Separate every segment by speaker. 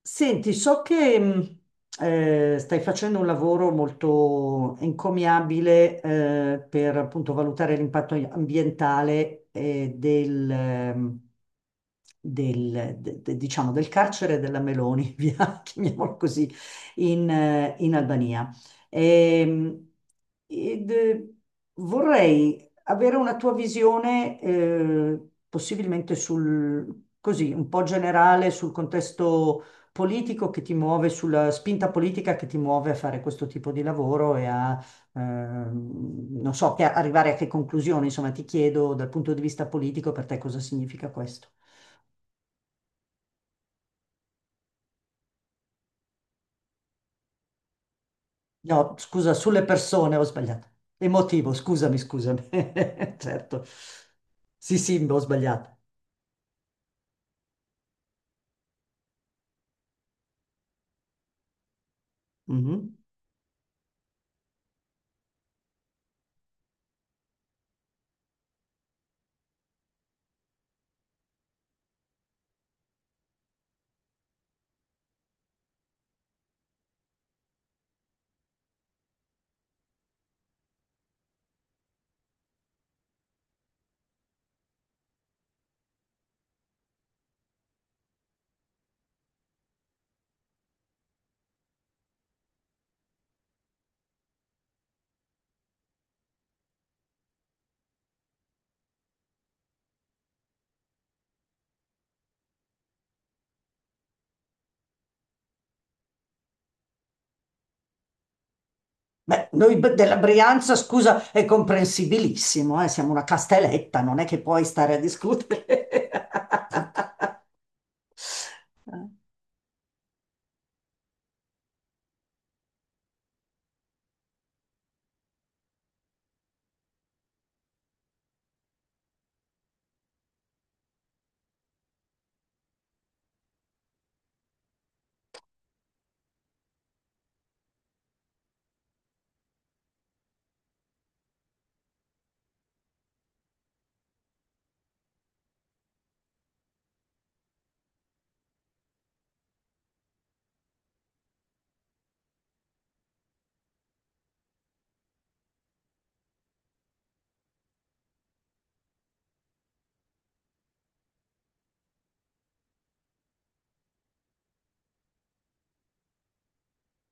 Speaker 1: Senti, so che stai facendo un lavoro molto encomiabile per appunto valutare l'impatto ambientale diciamo, del carcere della Meloni, via, chiamiamolo così, in Albania. Ehm, ed, eh, Vorrei avere una tua visione, possibilmente sul, così, un po' generale sul contesto politico che ti muove sulla spinta politica che ti muove a fare questo tipo di lavoro e a non so, che arrivare a che conclusione, insomma, ti chiedo dal punto di vista politico per te cosa significa questo. No, scusa, sulle persone ho sbagliato. Emotivo, scusami, scusami. Certo. Sì, sì, ho sbagliato. Mhm. Beh, della Brianza, scusa, è comprensibilissimo, siamo una castelletta, non è che puoi stare a discutere.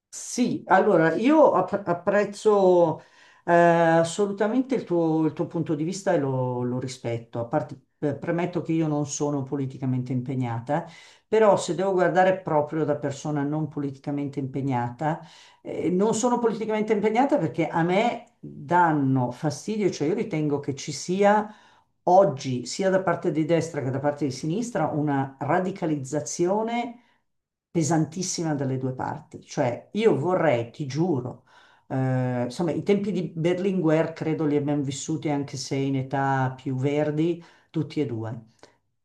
Speaker 1: Sì, allora io apprezzo assolutamente il tuo punto di vista e lo rispetto. A parte, premetto che io non sono politicamente impegnata, però se devo guardare proprio da persona non politicamente impegnata, non sono politicamente impegnata perché a me danno fastidio, cioè io ritengo che ci sia oggi, sia da parte di destra che da parte di sinistra, una radicalizzazione pesantissima dalle due parti. Cioè, io vorrei, ti giuro, insomma, i tempi di Berlinguer credo li abbiamo vissuti anche se in età più verdi, tutti e due.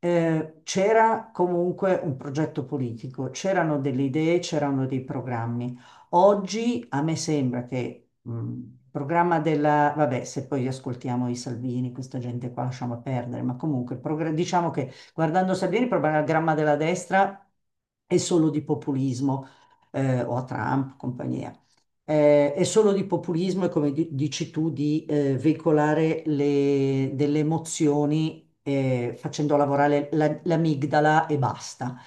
Speaker 1: C'era comunque un progetto politico, c'erano delle idee, c'erano dei programmi. Oggi a me sembra che il programma della, vabbè, se poi ascoltiamo i Salvini, questa gente qua lasciamo perdere, ma comunque diciamo che guardando Salvini, il programma della destra è solo di populismo, o a Trump, compagnia è solo di populismo e come dici tu di veicolare delle emozioni facendo lavorare l'amigdala e basta.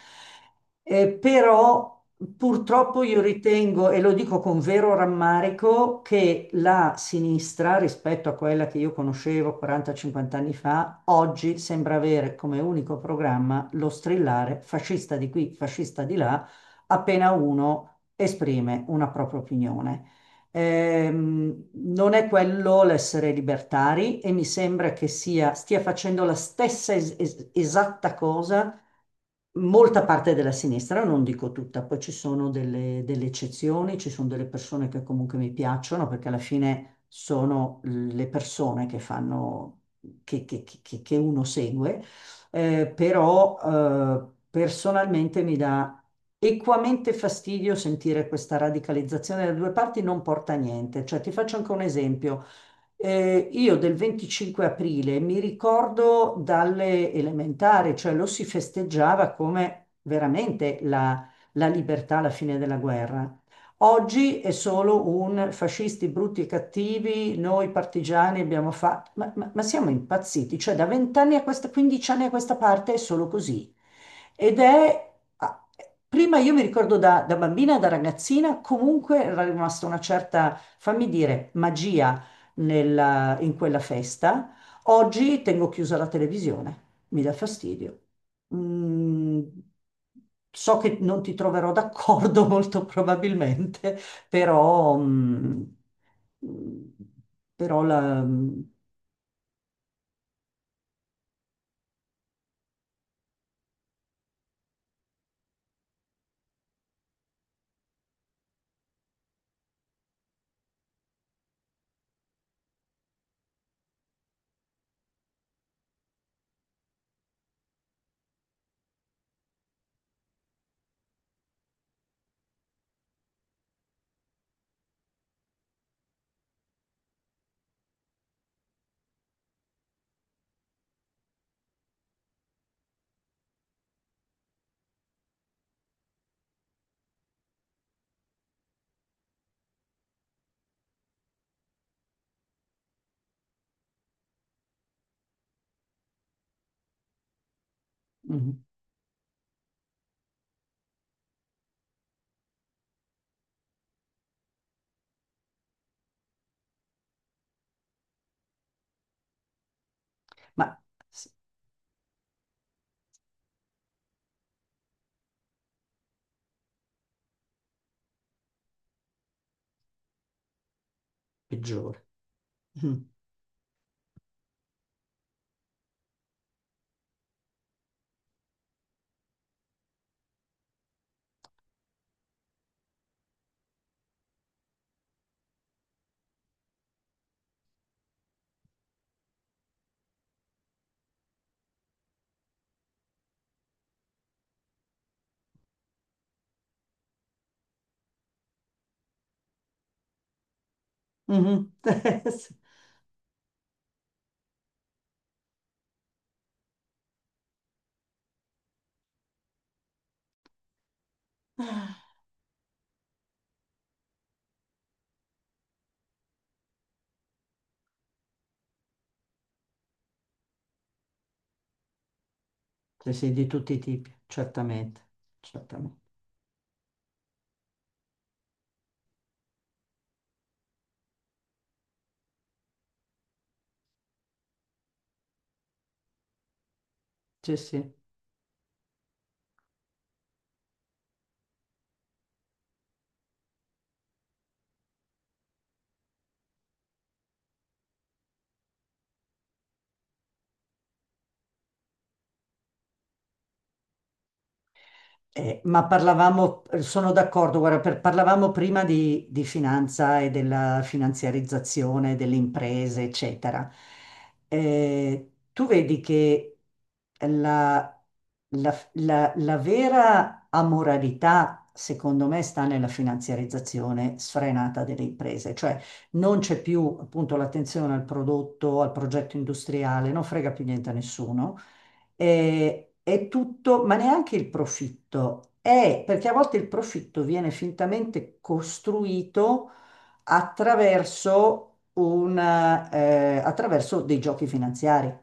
Speaker 1: Però purtroppo io ritengo, e lo dico con vero rammarico, che la sinistra rispetto a quella che io conoscevo 40-50 anni fa, oggi sembra avere come unico programma lo strillare fascista di qui, fascista di là appena uno esprime una propria opinione. Non è quello l'essere libertari e mi sembra che stia facendo la stessa esatta cosa molta parte della sinistra, non dico tutta, poi ci sono delle eccezioni, ci sono delle persone che comunque mi piacciono perché alla fine sono le persone che fanno, che uno segue, però personalmente mi dà equamente fastidio sentire questa radicalizzazione da due parti, non porta a niente. Cioè, ti faccio anche un esempio. Io del 25 aprile mi ricordo dalle elementari, cioè lo si festeggiava come veramente la libertà alla fine della guerra. Oggi è solo un fascisti brutti e cattivi, noi partigiani abbiamo fatto, ma, ma siamo impazziti, cioè da vent'anni a questa, 15 anni a questa parte è solo così. Ed è, ah, prima io mi ricordo da bambina, da ragazzina, comunque era rimasta una certa, fammi dire, magia in quella festa. Oggi tengo chiusa la televisione, mi dà fastidio. Mm, so che non ti troverò d'accordo molto probabilmente, però, mm, mm, però la, mm, mm, ma s- peggiore. Mm. Mhm. Sì, sì, di tutti i tipi, certamente, certamente. Sì, sì. Ma parlavamo, sono d'accordo, guarda, parlavamo prima di finanza e della finanziarizzazione delle imprese, eccetera. Tu vedi che la, la vera amoralità, secondo me, sta nella finanziarizzazione sfrenata delle imprese, cioè non c'è più appunto l'attenzione al prodotto, al progetto industriale, non frega più niente a nessuno, è tutto, ma neanche il profitto. È perché a volte il profitto viene fintamente costruito attraverso, attraverso dei giochi finanziari.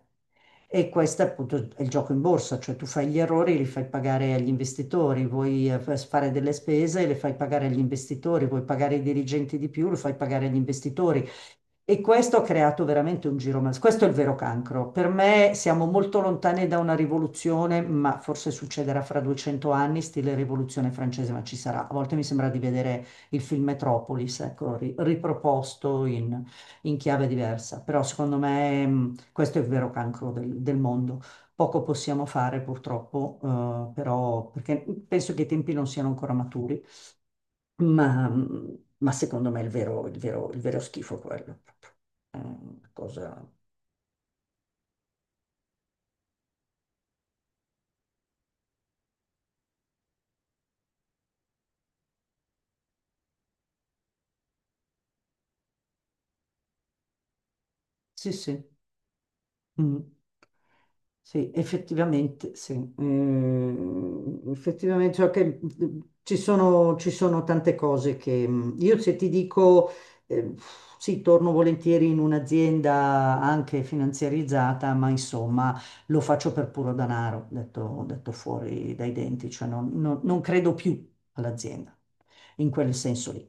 Speaker 1: E questo appunto è il gioco in borsa, cioè tu fai gli errori e li fai pagare agli investitori, vuoi fare delle spese e le fai pagare agli investitori, vuoi pagare i dirigenti di più, lo fai pagare agli investitori. E questo ha creato veramente un giro mal. Questo è il vero cancro. Per me siamo molto lontani da una rivoluzione, ma forse succederà fra 200 anni, stile rivoluzione francese, ma ci sarà. A volte mi sembra di vedere il film Metropolis, ecco, riproposto in chiave diversa. Però secondo me questo è il vero cancro del mondo. Poco possiamo fare purtroppo, però perché penso che i tempi non siano ancora maturi. Ma, ma secondo me è il vero, il vero, il vero schifo quello. Proprio. È una cosa... Sì, sì. Mm. Sì, effettivamente, sì. Mm, effettivamente, cioè che, mm, ci sono tante cose che... Mm, io se ti dico, eh, sì, torno volentieri in un'azienda anche finanziarizzata, ma insomma lo faccio per puro danaro, detto, detto fuori dai denti, cioè non credo più all'azienda in quel senso lì.